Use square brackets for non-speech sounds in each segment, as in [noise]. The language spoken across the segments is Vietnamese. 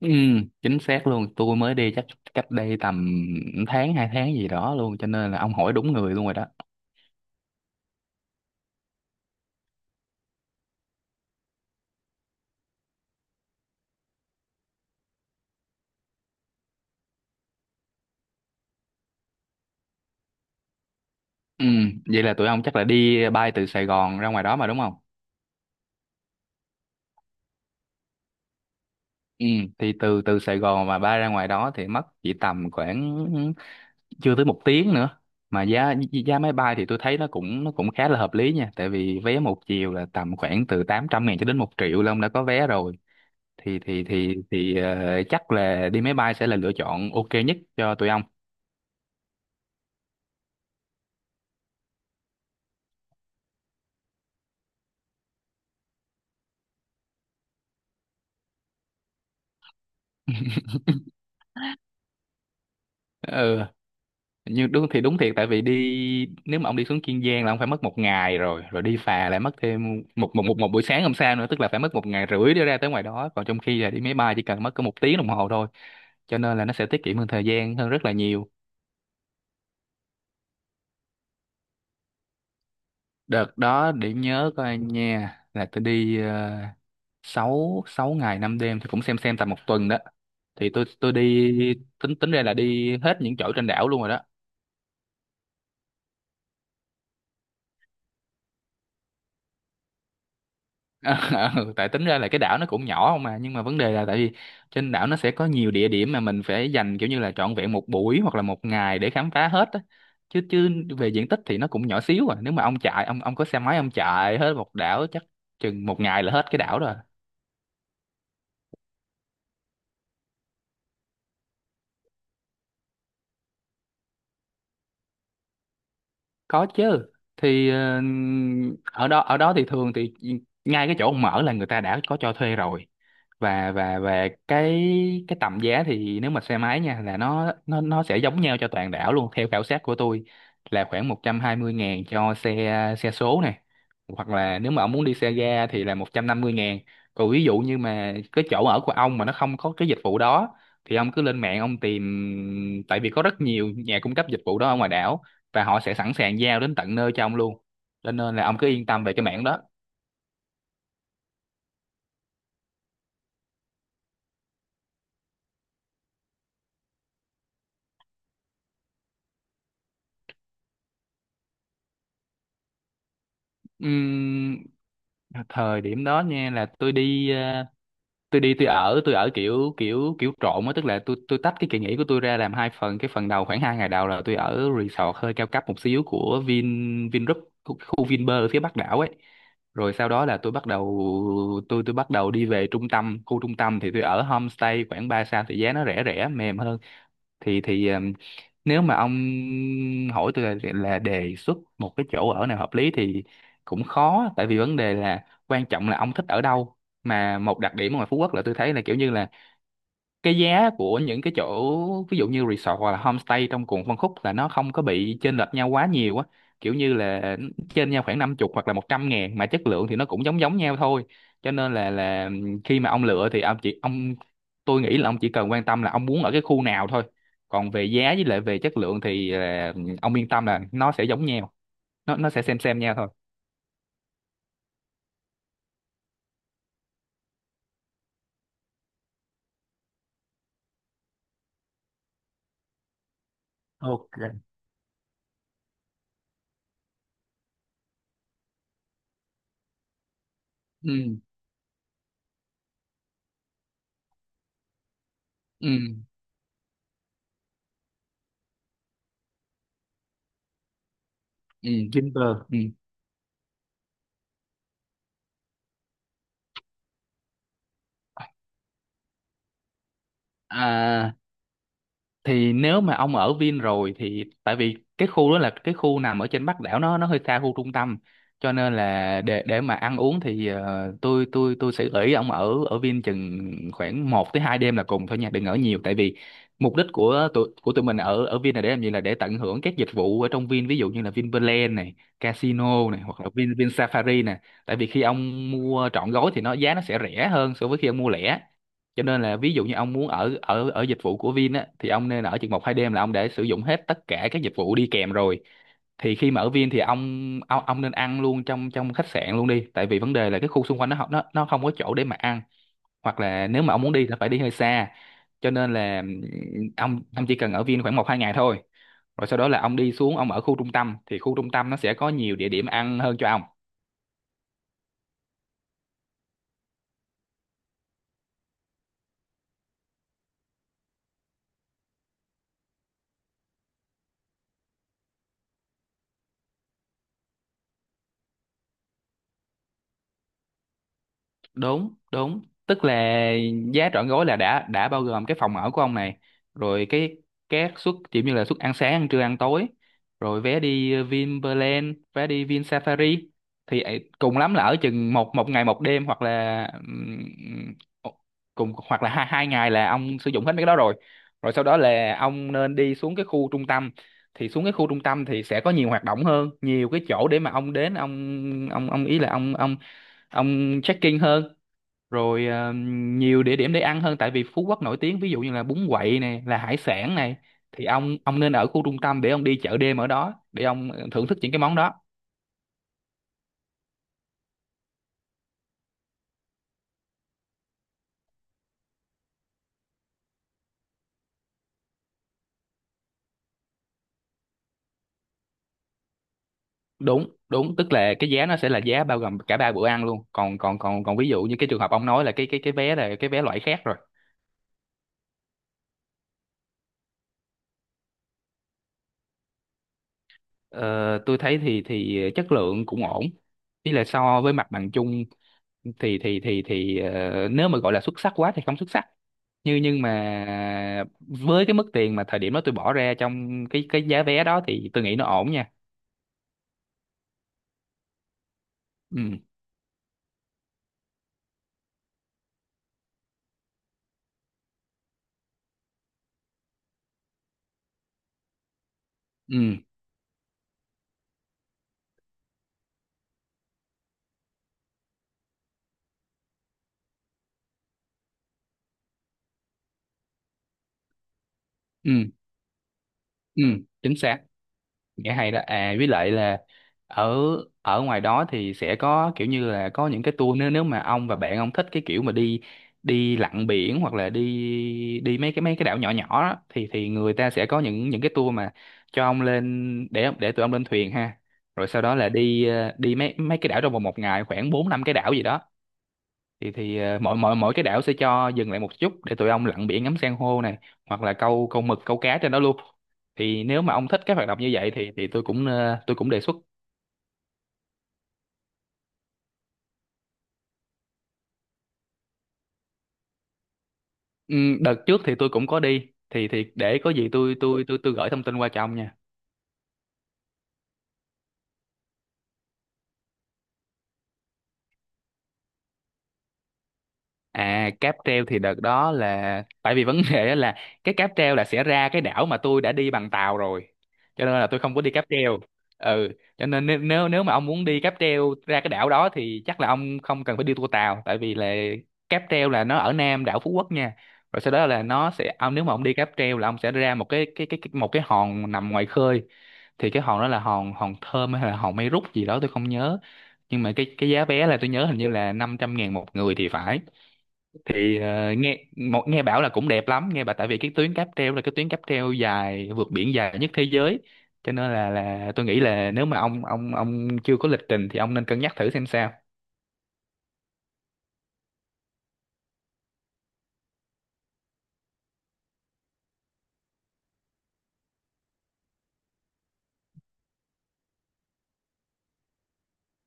Ừ, chính xác luôn. Tôi mới đi chắc cách đây tầm tháng hai tháng gì đó luôn, cho nên là ông hỏi đúng người luôn rồi đó. Ừ, vậy là tụi ông chắc là đi bay từ Sài Gòn ra ngoài đó mà đúng không? ừ, thì từ từ Sài Gòn mà bay ra ngoài đó thì mất chỉ tầm khoảng chưa tới một tiếng nữa. Mà giá giá máy bay thì tôi thấy nó cũng khá là hợp lý nha, tại vì vé một chiều là tầm khoảng từ 800 ngàn cho đến một triệu là ông đã có vé rồi. Chắc là đi máy bay sẽ là lựa chọn ok nhất cho tụi ông. Ừ, nhưng đúng thì đúng thiệt, tại vì đi nếu mà ông đi xuống Kiên Giang là ông phải mất một ngày rồi, rồi đi phà lại mất thêm một buổi sáng hôm sau nữa, tức là phải mất một ngày rưỡi để ra tới ngoài đó, còn trong khi là đi máy bay chỉ cần mất có một tiếng đồng hồ thôi. Cho nên là nó sẽ tiết kiệm hơn thời gian hơn rất là nhiều. Đợt đó điểm nhớ của anh nha, là tôi đi 6 ngày 5 đêm, thì cũng xem tầm một tuần đó. Thì tôi đi, tính tính ra là đi hết những chỗ trên đảo luôn rồi đó. [laughs] Ờ, ờ, tại tính ra là cái đảo nó cũng nhỏ không, mà nhưng mà vấn đề là tại vì trên đảo nó sẽ có nhiều địa điểm mà mình phải dành kiểu như là trọn vẹn một buổi hoặc là một ngày để khám phá hết á. Chứ chứ Về diện tích thì nó cũng nhỏ xíu à, nếu mà ông có xe máy ông chạy hết một đảo chắc chừng một ngày là hết cái đảo rồi. Có chứ. Thì ờ, ở đó thì thường thì ngay cái chỗ ông mở là người ta đã có cho thuê rồi. Và cái tầm giá thì nếu mà xe máy nha, là nó sẽ giống nhau cho toàn đảo luôn theo khảo sát của tôi, là khoảng 120 ngàn cho xe xe số này, hoặc là nếu mà ông muốn đi xe ga thì là 150 ngàn. Còn ví dụ như mà cái chỗ ở của ông mà nó không có cái dịch vụ đó, thì ông cứ lên mạng ông tìm, tại vì có rất nhiều nhà cung cấp dịch vụ đó ở ngoài đảo, và họ sẽ sẵn sàng giao đến tận nơi cho ông luôn. Cho nên là ông cứ yên tâm về cái mảng đó. Ừm, thời điểm đó nha, là tôi đi tôi ở kiểu kiểu kiểu trộn á, tức là tôi tách cái kỳ nghỉ của tôi ra làm hai phần. Cái phần đầu khoảng hai ngày đầu là tôi ở resort hơi cao cấp một xíu của Vingroup, khu Vinpearl ở phía Bắc đảo ấy. Rồi sau đó là tôi bắt đầu đi về trung tâm. Khu trung tâm thì tôi ở homestay khoảng 3 sao, thì giá nó rẻ rẻ mềm hơn. Thì Nếu mà ông hỏi tôi là đề xuất một cái chỗ ở nào hợp lý thì cũng khó, tại vì vấn đề là quan trọng là ông thích ở đâu. Mà một đặc điểm ở ngoài Phú Quốc là tôi thấy là kiểu như là cái giá của những cái chỗ ví dụ như resort hoặc là homestay trong cùng phân khúc là nó không có bị chênh lệch nhau quá nhiều á, kiểu như là trên nhau khoảng năm chục hoặc là 100 ngàn, mà chất lượng thì nó cũng giống giống nhau thôi. Cho nên là khi mà ông lựa thì ông chỉ ông tôi nghĩ là ông chỉ cần quan tâm là ông muốn ở cái khu nào thôi. Còn về giá với lại về chất lượng thì là ông yên tâm là nó sẽ giống nhau, nó sẽ xem nhau thôi. Ok. Ừ. Ừ. Ừ Vinpearl ừ. À, thì nếu mà ông ở Vin rồi thì tại vì cái khu đó là cái khu nằm ở trên Bắc đảo, nó hơi xa khu trung tâm, cho nên là để mà ăn uống thì ờ, tôi sẽ gợi ý ông ở ở Vin chừng khoảng một tới 2 đêm là cùng thôi nha, đừng ở nhiều. Tại vì mục đích của tụi mình ở ở Vin là để làm gì, là để tận hưởng các dịch vụ ở trong Vin, ví dụ như là Vinpearl này, casino này, hoặc là Vin Vin Safari này. Tại vì khi ông mua trọn gói thì nó giá nó sẽ rẻ hơn so với khi ông mua lẻ. Cho nên là ví dụ như ông muốn ở ở ở dịch vụ của Vin á, thì ông nên ở chừng một hai đêm là ông đã sử dụng hết tất cả các dịch vụ đi kèm rồi. Thì khi mà ở Vin thì ông nên ăn luôn trong trong khách sạn luôn đi, tại vì vấn đề là cái khu xung quanh nó không có chỗ để mà ăn, hoặc là nếu mà ông muốn đi là phải đi hơi xa. Cho nên là ông chỉ cần ở Vin khoảng một hai ngày thôi, rồi sau đó là ông đi xuống ông ở khu trung tâm, thì khu trung tâm nó sẽ có nhiều địa điểm ăn hơn cho ông. Đúng đúng, tức là giá trọn gói là đã bao gồm cái phòng ở của ông này, rồi cái các suất kiểu như là suất ăn sáng ăn trưa ăn tối, rồi vé đi Vinpearl, vé đi Vin Safari. Thì ấy, cùng lắm là ở chừng một một ngày một đêm, hoặc là cùng hoặc là hai ngày là ông sử dụng hết mấy cái đó rồi. Rồi sau đó là ông nên đi xuống cái khu trung tâm, thì xuống cái khu trung tâm thì sẽ có nhiều hoạt động hơn, nhiều cái chỗ để mà ông đến ông ý là ông check-in hơn. Rồi ờ, nhiều địa điểm để ăn hơn, tại vì Phú Quốc nổi tiếng ví dụ như là bún quậy này, là hải sản này. Thì ông nên ở khu trung tâm để ông đi chợ đêm ở đó để ông ờ, thưởng thức những cái món đó. Đúng đúng, tức là cái giá nó sẽ là giá bao gồm cả ba bữa ăn luôn. Còn còn còn còn ví dụ như cái trường hợp ông nói là cái cái vé là cái vé loại khác rồi. Ờ, tôi thấy thì chất lượng cũng ổn, ý là so với mặt bằng chung. Nếu mà gọi là xuất sắc quá thì không xuất sắc, nhưng mà với cái mức tiền mà thời điểm đó tôi bỏ ra trong cái giá vé đó thì tôi nghĩ nó ổn nha. Ừ. Ừ. Ừ. Ừ, chính xác. Nghĩa hay đó à, với lại là ở ở ngoài đó thì sẽ có kiểu như là có những cái tour, nếu nếu mà ông và bạn ông thích cái kiểu mà đi đi lặn biển, hoặc là đi đi mấy cái đảo nhỏ nhỏ đó, thì người ta sẽ có những cái tour mà cho ông lên để tụi ông lên thuyền ha. Rồi sau đó là đi ờ, đi mấy mấy cái đảo trong vòng một ngày, khoảng bốn năm cái đảo gì đó. Thì mỗi mỗi mỗi cái đảo sẽ cho dừng lại một chút để tụi ông lặn biển, ngắm san hô này, hoặc là câu câu mực câu cá trên đó luôn. Thì nếu mà ông thích cái hoạt động như vậy thì tôi cũng ờ, tôi cũng đề xuất. Đợt trước thì tôi cũng có đi, thì để có gì tôi tôi gửi thông tin qua cho ông nha. À, cáp treo thì đợt đó là tại vì vấn đề á, là cái cáp treo là sẽ ra cái đảo mà tôi đã đi bằng tàu rồi, cho nên là tôi không có đi cáp treo. Ừ, cho nên nếu nếu nếu mà ông muốn đi cáp treo ra cái đảo đó thì chắc là ông không cần phải đi tour tàu, tại vì là cáp treo là nó ở Nam đảo Phú Quốc nha. Rồi sau đó là nó sẽ ông, nếu mà ông đi cáp treo là ông sẽ ra một cái một cái hòn nằm ngoài khơi. Thì cái hòn đó là hòn hòn Thơm hay là hòn Mây Rút gì đó tôi không nhớ, nhưng mà cái giá vé là tôi nhớ hình như là 500 ngàn một người thì phải. Thì ờ, nghe bảo là cũng đẹp lắm, nghe bảo tại vì cái tuyến cáp treo là cái tuyến cáp treo dài vượt biển dài nhất thế giới, cho nên là tôi nghĩ là nếu mà ông ông chưa có lịch trình thì ông nên cân nhắc thử xem sao.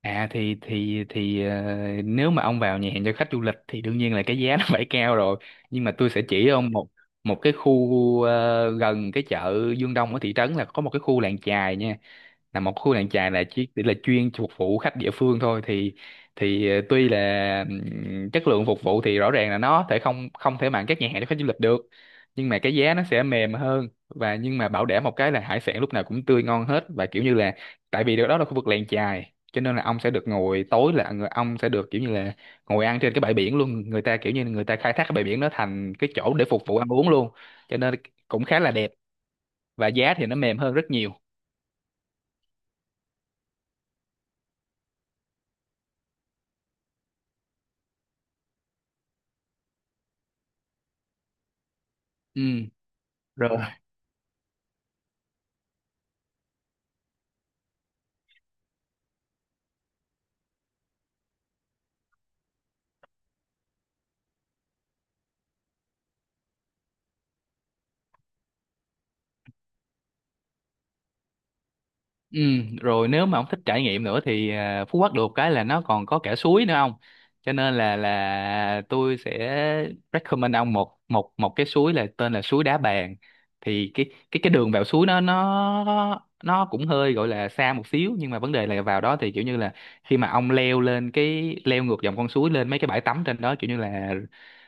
À thì ờ, nếu mà ông vào nhà hàng cho khách du lịch thì đương nhiên là cái giá [laughs] nó phải cao rồi. Nhưng mà tôi sẽ chỉ ông một một cái khu ờ, gần cái chợ Dương Đông ở thị trấn là có một cái khu làng chài nha, là một khu làng chài là chỉ là chuyên phục vụ khách địa phương thôi. Thì ờ, tuy là chất lượng phục vụ thì rõ ràng là nó thể không không thể bằng các nhà hàng cho khách du lịch được, nhưng mà cái giá nó sẽ mềm hơn, và nhưng mà bảo đảm một cái là hải sản lúc nào cũng tươi ngon hết, và kiểu như là tại vì đó là khu vực làng chài, cho nên là ông sẽ được ngồi tối là người ông sẽ được kiểu như là ngồi ăn trên cái bãi biển luôn. Người ta kiểu như người ta khai thác cái bãi biển nó thành cái chỗ để phục vụ ăn uống luôn. Cho nên cũng khá là đẹp, và giá thì nó mềm hơn rất nhiều. Ừ. Rồi. Ừ, rồi nếu mà ông thích trải nghiệm nữa thì à, Phú Quốc được cái là nó còn có cả suối nữa không? Cho nên là tôi sẽ recommend ông một một một cái suối là tên là suối Đá Bàn. Thì cái cái đường vào suối nó nó cũng hơi gọi là xa một xíu, nhưng mà vấn đề là vào đó thì kiểu như là khi mà ông leo lên leo ngược dòng con suối lên mấy cái bãi tắm trên đó kiểu như là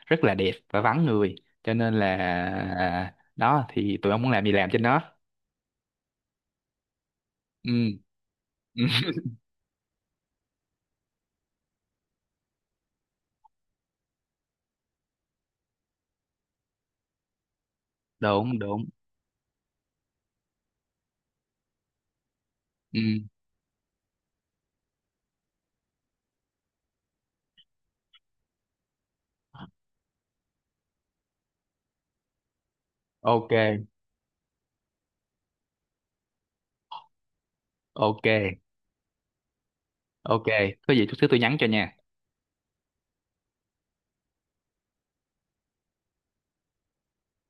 rất là đẹp và vắng người. Cho nên là à, đó thì tụi ông muốn làm gì làm trên đó. Ừ, ừ, [laughs] đúng đúng. Ừ. Ok. Ok ok. Có gì chút xíu tôi nhắn cho nha.